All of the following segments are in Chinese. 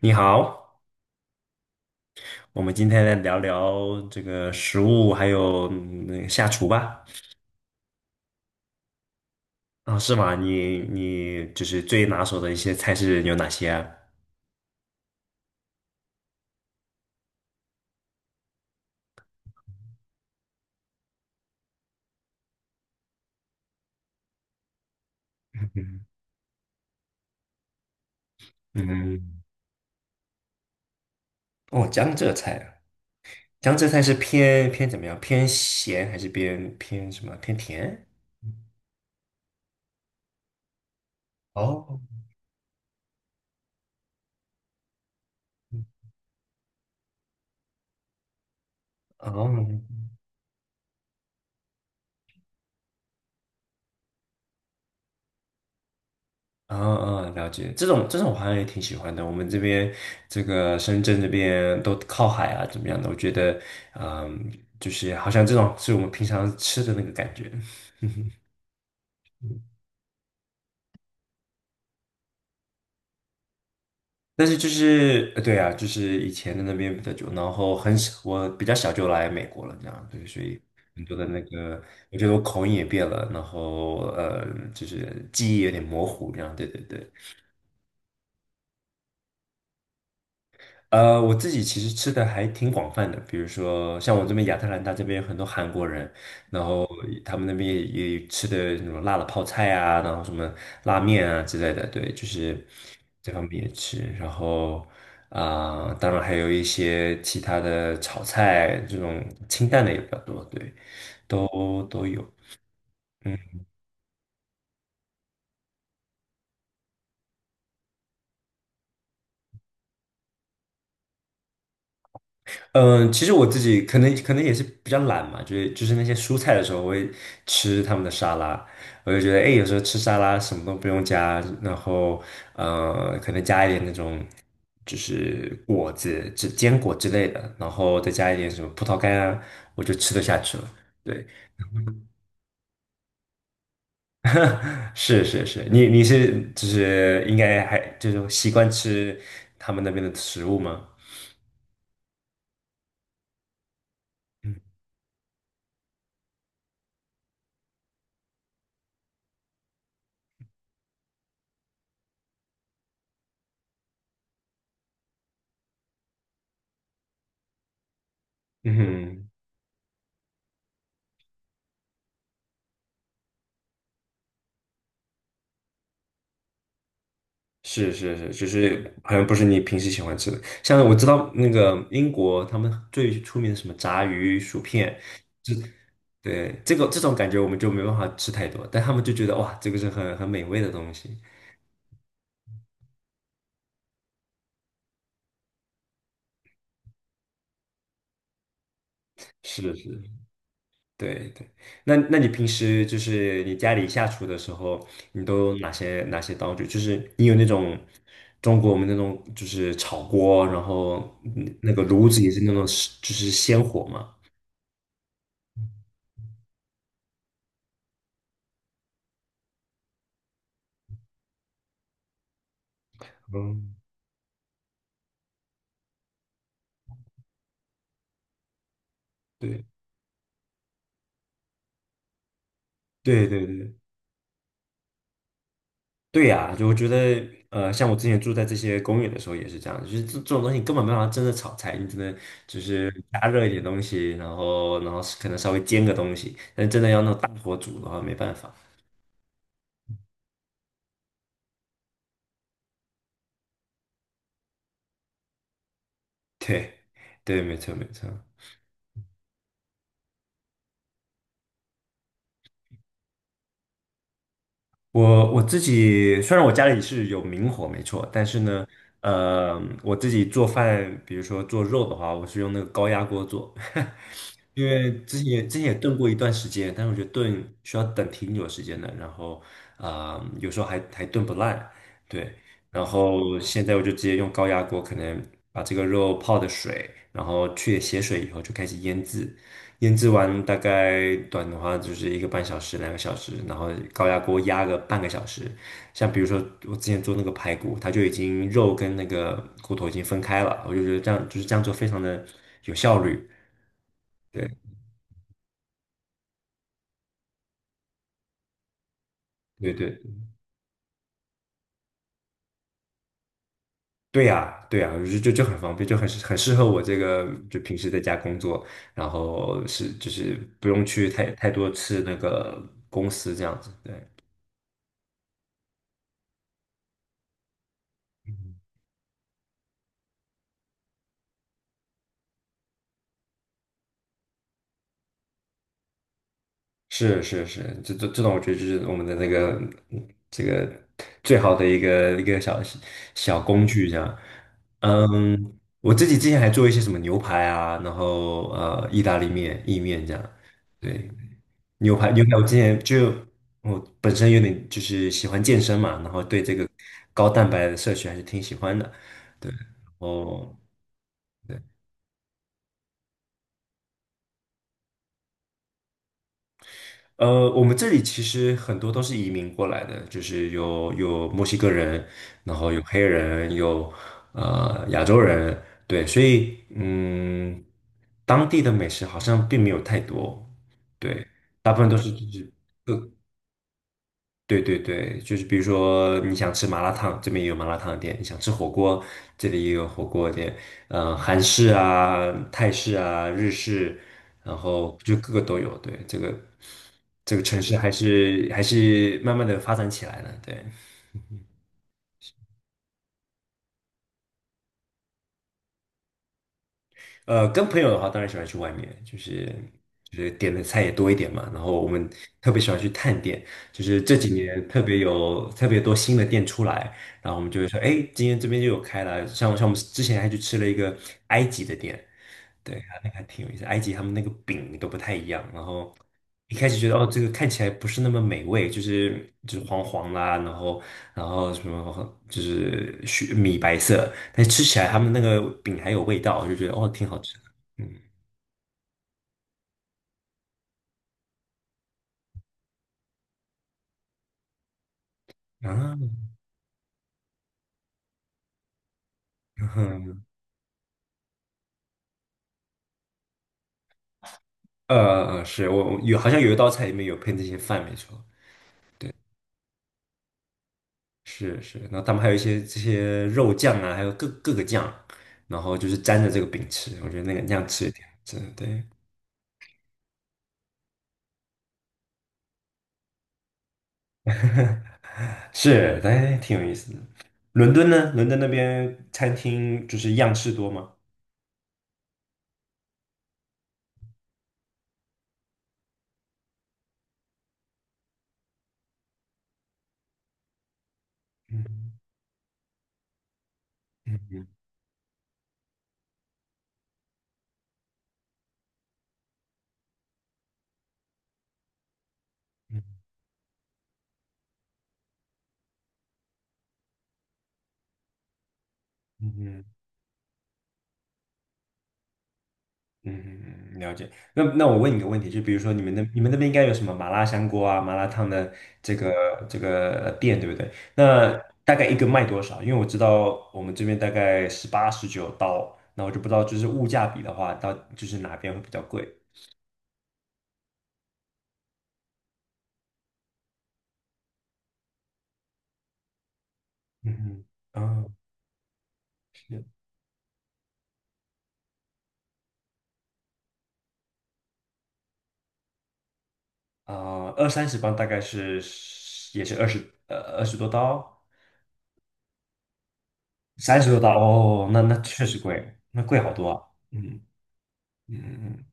你好，我们今天来聊聊这个食物，还有下厨吧。啊，是吗？你就是最拿手的一些菜是有哪些啊？嗯，嗯哦，江浙菜啊江浙菜是偏怎么样？偏咸还是偏什么？偏甜？哦哦，嗯嗯，了解。这种我好像也挺喜欢的。我们这边这个深圳这边都靠海啊，怎么样的？我觉得，嗯，就是好像这种是我们平常吃的那个感觉。但是就是，对啊，就是以前的那边比较久，然后很小，我比较小就来美国了，这样，对，所以很多的那个，我觉得我口音也变了，然后就是记忆有点模糊，这样，对对对。我自己其实吃的还挺广泛的，比如说像我这边亚特兰大这边有很多韩国人，然后他们那边也吃的那种辣的泡菜啊，然后什么拉面啊之类的，对，就是这方面也吃。然后啊、当然还有一些其他的炒菜，这种清淡的也比较多，对，都都有。嗯。嗯，其实我自己可能也是比较懒嘛，就是那些蔬菜的时候，我会吃他们的沙拉，我就觉得哎，诶有时候吃沙拉什么都不用加，然后可能加一点那种就是果子、只坚果之类的，然后再加一点什么葡萄干啊，我就吃得下去了。对，是是是，你是就是应该还就是习惯吃他们那边的食物吗？嗯哼。是是是，就是好像不是你平时喜欢吃的。像我知道那个英国，他们最出名的什么炸鱼薯片，就对这个这种感觉我们就没办法吃太多，但他们就觉得哇，这个是很美味的东西。是是，对对。那你平时就是你家里下厨的时候，你都有哪些道具？就是你有那种中国我们那种就是炒锅，然后那个炉子也是那种就是鲜火嘛。嗯，对对对对。对呀，就我觉得，像我之前住在这些公寓的时候也是这样，就是这种东西你根本没办法真的炒菜，你只能就是加热一点东西，然后可能稍微煎个东西，但真的要那种大火煮的话没办法。对，对，没错没错。我自己虽然我家里是有明火没错，但是呢，我自己做饭，比如说做肉的话，我是用那个高压锅做。因为之前也炖过一段时间，但是我觉得炖需要等挺久时间的，然后有时候还炖不烂，对。然后现在我就直接用高压锅，可能把这个肉泡的水，然后去血水以后就开始腌制，腌制完大概短的话就是一个半小时、2个小时，然后高压锅压个半个小时。像比如说我之前做那个排骨，它就已经肉跟那个骨头已经分开了，我就觉得这样就是这样做非常的有效率。对对对。对呀，对呀，就很方便，就很适合我这个就平时在家工作，然后是就是不用去太多次那个公司这样子。对，是是是，这种我觉得就是我们的那个这个最好的一个小小工具这样。嗯，我自己之前还做一些什么牛排啊，然后意大利面、意面这样。对。牛排，我本身有点就是喜欢健身嘛，然后对这个高蛋白的摄取还是挺喜欢的。对，哦，对，我们这里其实很多都是移民过来的，就是有墨西哥人，然后有黑人，有亚洲人，对，所以当地的美食好像并没有太多，对，大部分都是就是。对对对，就是比如说你想吃麻辣烫，这边也有麻辣烫店；你想吃火锅，这里也有火锅店。嗯，韩式啊、泰式啊、日式，然后就各个都有。对，这个城市还是慢慢的发展起来了。对，跟朋友的话，当然喜欢去外面，就是点的菜也多一点嘛。然后我们特别喜欢去探店，就是这几年特别多新的店出来，然后我们就会说，哎，今天这边就有开了。像我们之前还去吃了一个埃及的店，对，还那个还挺有意思。埃及他们那个饼都不太一样，然后一开始觉得哦，这个看起来不是那么美味，就是黄黄啦，然后什么就是雪米白色，但是吃起来他们那个饼还有味道，我就觉得哦，挺好吃的。嗯啊，嗯是我有好像有一道菜里面有配那些饭，没错，是是。然后他们还有一些这些肉酱啊，还有各个酱，然后就是沾着这个饼吃，我觉得那样吃也挺好吃的，对。是，哎，挺有意思的。伦敦呢？伦敦那边餐厅就是样式多吗？嗯嗯嗯嗯嗯嗯，了解。那我问你个问题，就比如说你们那边应该有什么麻辣香锅啊、麻辣烫的这个这个店，对不对？那大概一个卖多少？因为我知道我们这边大概18、19刀，那我就不知道就是物价比的话，到就是哪边会比较贵？嗯嗯，哦，是啊、20、30磅大概是也是二十多刀，30多刀哦，那确实贵，那贵好多啊。嗯嗯嗯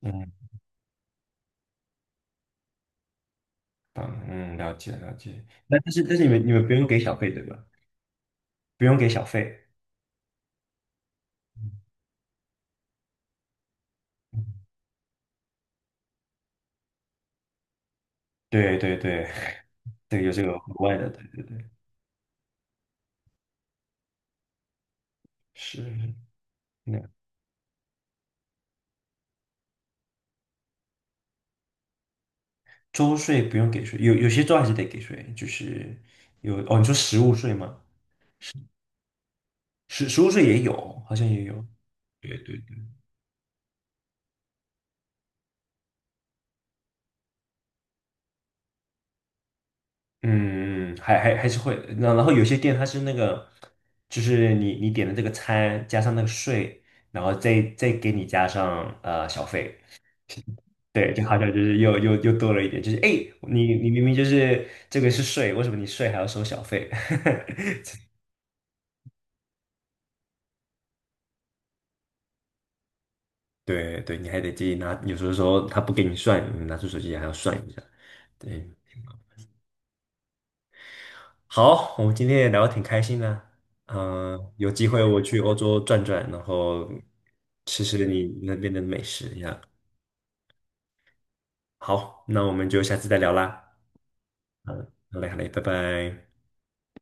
嗯，了解了解。那但是你们不用给小费对吧？不用给小费。对对对，对有这个额外的，对对对，是那周税不用给税，有些州还是得给税，就是有哦，你说实物税吗？实物税也有，好像也有。对对嗯还是会，那然后有些店它是那个，就是你点的这个餐加上那个税，然后再给你加上小费，对，就好像就是又多了一点，就是哎，诶你明明就是这个是税，为什么你税还要收小费？对对，你还得自己拿，有时候说他不给你算，你拿出手机还要算一下，对。好，我们今天也聊得挺开心的。有机会我去欧洲转转，然后吃吃你那边的美食呀。好，那我们就下次再聊啦。好嘞，好嘞，拜拜。